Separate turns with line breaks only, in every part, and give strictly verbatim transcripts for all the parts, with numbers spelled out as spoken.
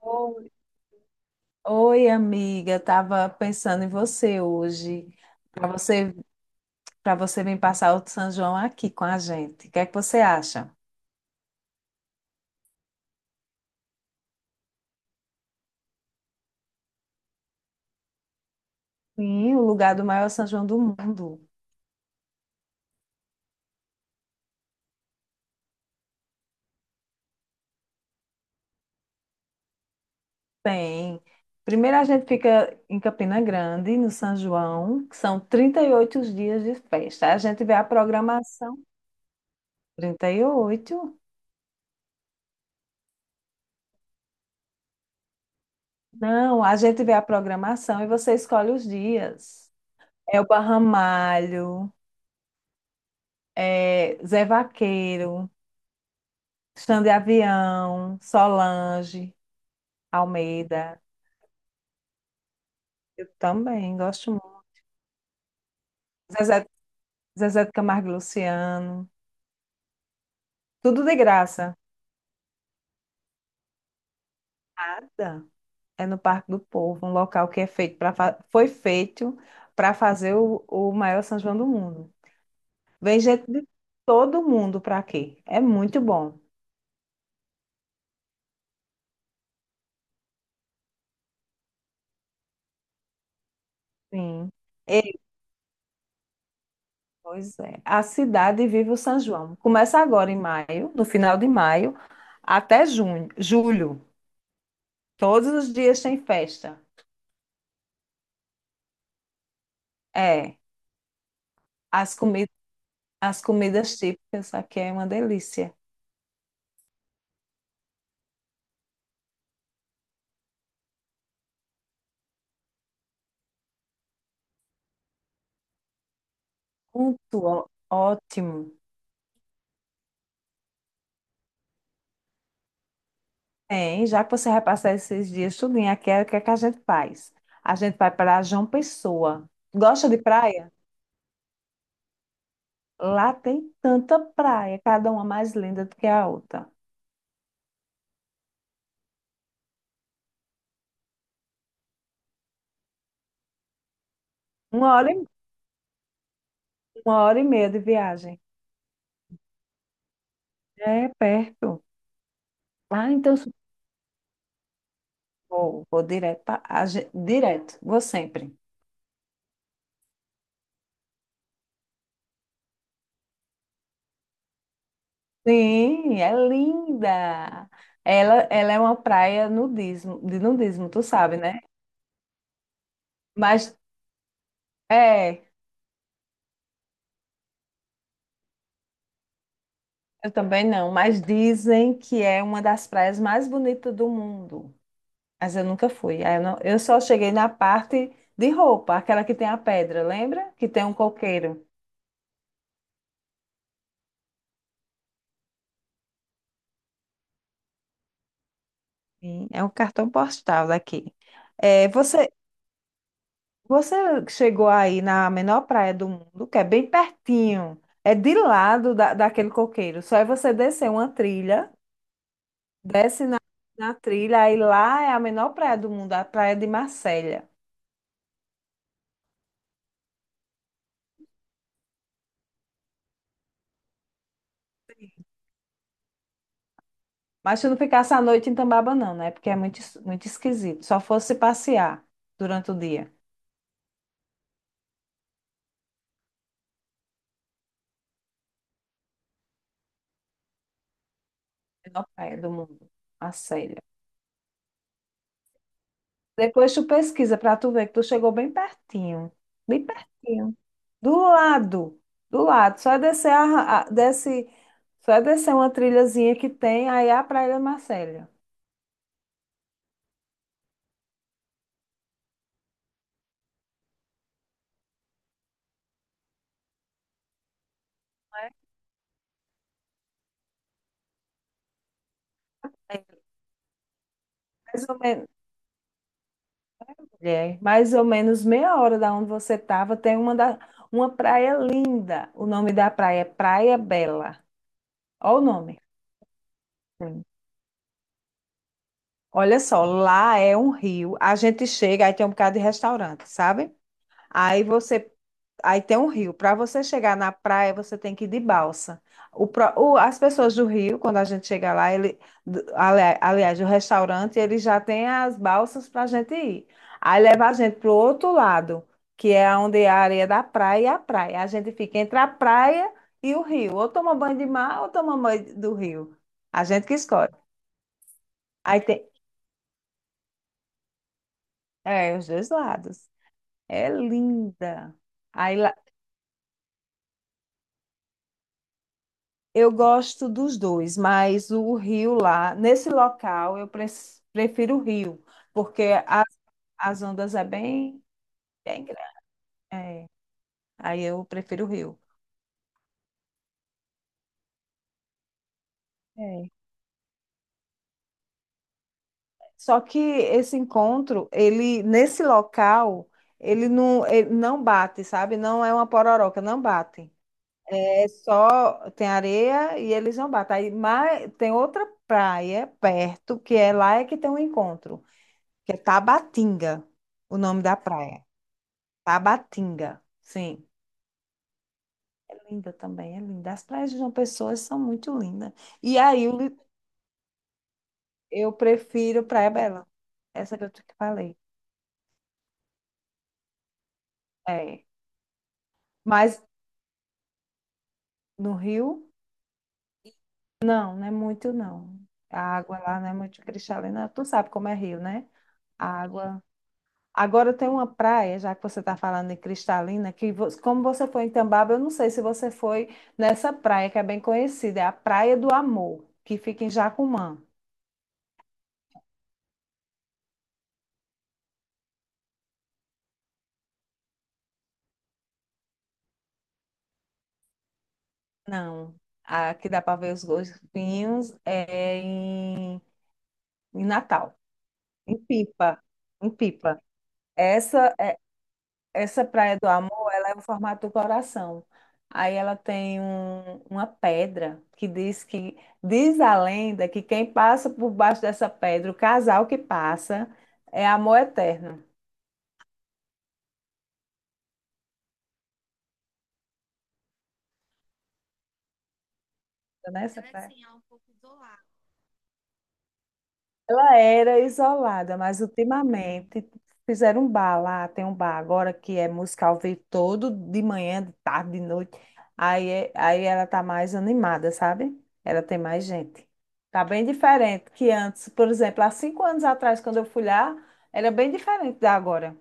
Oi, Oi, amiga, tava pensando em você hoje, para você, para você vir passar o São João aqui com a gente. O que é que você acha? Sim, o lugar do maior São João do mundo. Tem. Primeiro a gente fica em Campina Grande, no São João, que são trinta e oito dias de festa. A gente vê a programação. Trinta e oito? Não, a gente vê a programação e você escolhe os dias. É o Barramalho, é Zé Vaqueiro. Xande Avião, Solange, Almeida. Eu também gosto muito. Zezé, Zezé de Camargo e Luciano. Tudo de graça. Nada. É no Parque do Povo, um local que é feito para foi feito para fazer o, o maior São João do mundo. Vem gente de todo mundo para aqui. É muito bom. Sim. Ei, pois é. A cidade vive o São João. Começa agora em maio, no final de maio, até junho, julho. Todos os dias tem festa. É, as comidas, as comidas típicas aqui é uma delícia. Muito ó- ótimo. Tem, já que você vai passar esses dias tudinho aqui, é o que é que a gente faz? A gente vai para João Pessoa. Gosta de praia? Lá tem tanta praia, cada uma mais linda do que a outra. Uma hora e, uma hora e meia de viagem. É perto. Ah, então se- vou, vou direto, pra- a gen- direto, vou sempre. Sim, é linda. Ela, ela é uma praia nudismo, de nudismo, tu sabe, né? Mas é, eu também não, mas dizem que é uma das praias mais bonitas do mundo. Mas eu nunca fui. Aí Eu, não- eu só cheguei na parte de roupa, aquela que tem a pedra, lembra? Que tem um coqueiro. Sim, é um cartão postal daqui. É, você Você chegou aí na menor praia do mundo, que é bem pertinho, é de lado da, daquele coqueiro. Só é você descer uma trilha, desce na, na trilha, aí lá é a menor praia do mundo, a praia de Marselha. Mas se não ficasse a noite em Tambaba, não, né? Porque é muito, es- muito esquisito. Só fosse passear durante o dia. Menor praia do mundo, Marselha. Depois tu pesquisa pra tu ver que tu chegou bem pertinho. Bem pertinho. Do lado, do lado. Só é descer, a, a- desce, só é descer uma trilhazinha que tem, aí é a Praia da Marcélia. É mais ou menos, é, mais ou menos meia hora da onde você estava, tem uma, da, uma praia linda. O nome da praia é Praia Bela. Olha o nome. Sim. Olha só, lá é um rio. A gente chega, aí tem um bocado de restaurante, sabe? Aí você Aí tem um rio. Para você chegar na praia, você tem que ir de balsa. O, pró- o- as pessoas do Rio, quando a gente chega lá, ele, d- ali- aliás, o restaurante, ele já tem as balsas para a gente ir. Aí leva a gente para o outro lado, que é onde é a areia da praia e a praia. A gente fica entre a praia e o rio. Ou toma banho de mar ou toma banho do rio. A gente que escolhe. Aí tem, é, os dois lados. É linda. Aí eu gosto dos dois, mas o Rio lá, nesse local, eu pre- prefiro o Rio, porque a- as ondas é bem, bem grande. É, aí eu prefiro o Rio. É. Só que esse encontro, ele nesse local, ele não, ele não bate, sabe? Não é uma pororoca, não bate. É só tem areia e eles não batem. Aí, mas tem outra praia perto que é lá é que tem um encontro, que é Tabatinga, o nome da praia. Tabatinga, sim. É linda também, é linda. As praias de João Pessoa são muito lindas. E aí o eu prefiro Praia Bela, essa que eu te falei. É. Mas no Rio, não, não é muito, não. A água lá não é muito cristalina. Tu sabe como é Rio, né? A água. Agora tem uma praia, já que você está falando em cristalina, que vo- como você foi em Tambaba, eu não sei se você foi nessa praia que é bem conhecida, é a Praia do Amor, que fica em Jacumã. Não. A que dá para ver os golfinhos é em, em, Natal, em Pipa, em Pipa. Essa é- essa Praia do Amor, ela é o formato do coração. Aí ela tem um- uma pedra que diz que diz a lenda que quem passa por baixo dessa pedra, o casal que passa, é amor eterno. Tá. Nessa praia. Ela era isolada, mas ultimamente fizeram um bar lá, tem um bar agora que é música ao vivo todo, de manhã, de tarde, de noite. Aí, é- aí ela tá mais animada, sabe? Ela tem mais gente. Tá bem diferente que antes. Por exemplo, há cinco anos atrás, quando eu fui lá, era bem diferente da agora.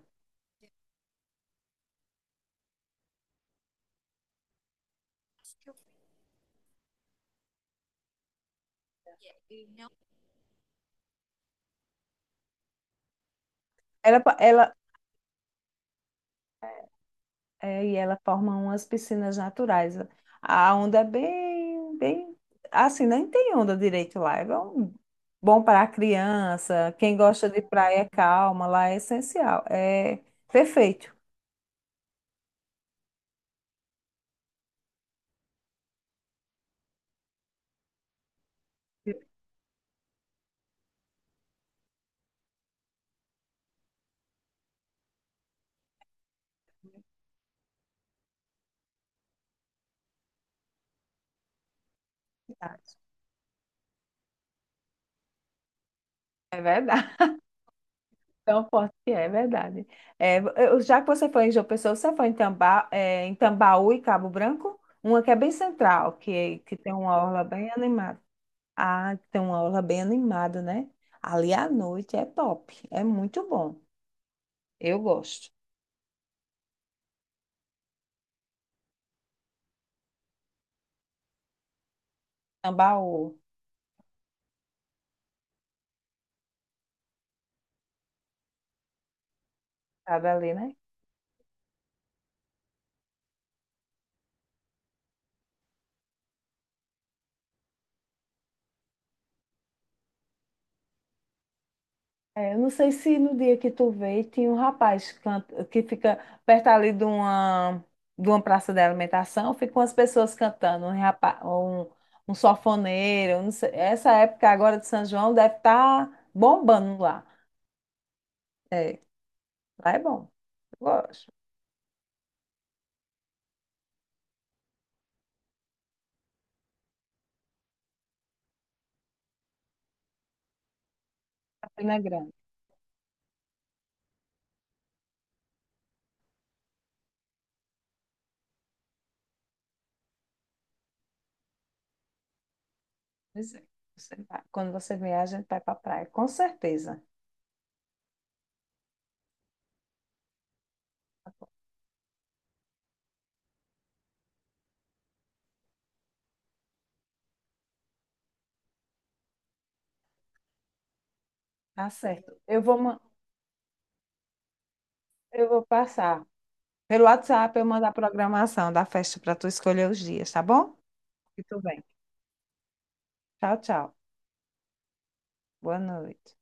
Ela, É, e ela forma umas piscinas naturais. A onda é bem, bem, assim, nem tem onda direito lá. É bom, bom para a criança, quem gosta de praia calma, lá é essencial. É perfeito. É verdade. Então, forte que é, é verdade. É, eu- já que você foi em João Pessoa, você foi em Tamba, é, em Tambaú e Cabo Branco? Uma que é bem central, que, que tem uma orla bem animada. Ah, tem uma aula bem animada, né? Ali à noite é top, é muito bom. Eu gosto. Tambaú, sabe ali, né? É, eu não sei se no dia que tu veio tinha um rapaz que, canta- que fica perto ali de uma, de uma praça de alimentação, ficam as pessoas cantando, um, rapa- um, um sanfoneiro, eu não sei, essa época agora de São João deve estar bombando lá. É, lá é bom, eu gosto. Campina Grande. Pois é, você vai. Quando você vier, a gente vai para praia, com certeza. Tá certo. Eu vou, ma- eu vou passar pelo WhatsApp, eu mando a programação da festa para tu escolher os dias, tá bom? E tu vem. Tchau, tchau. Boa noite.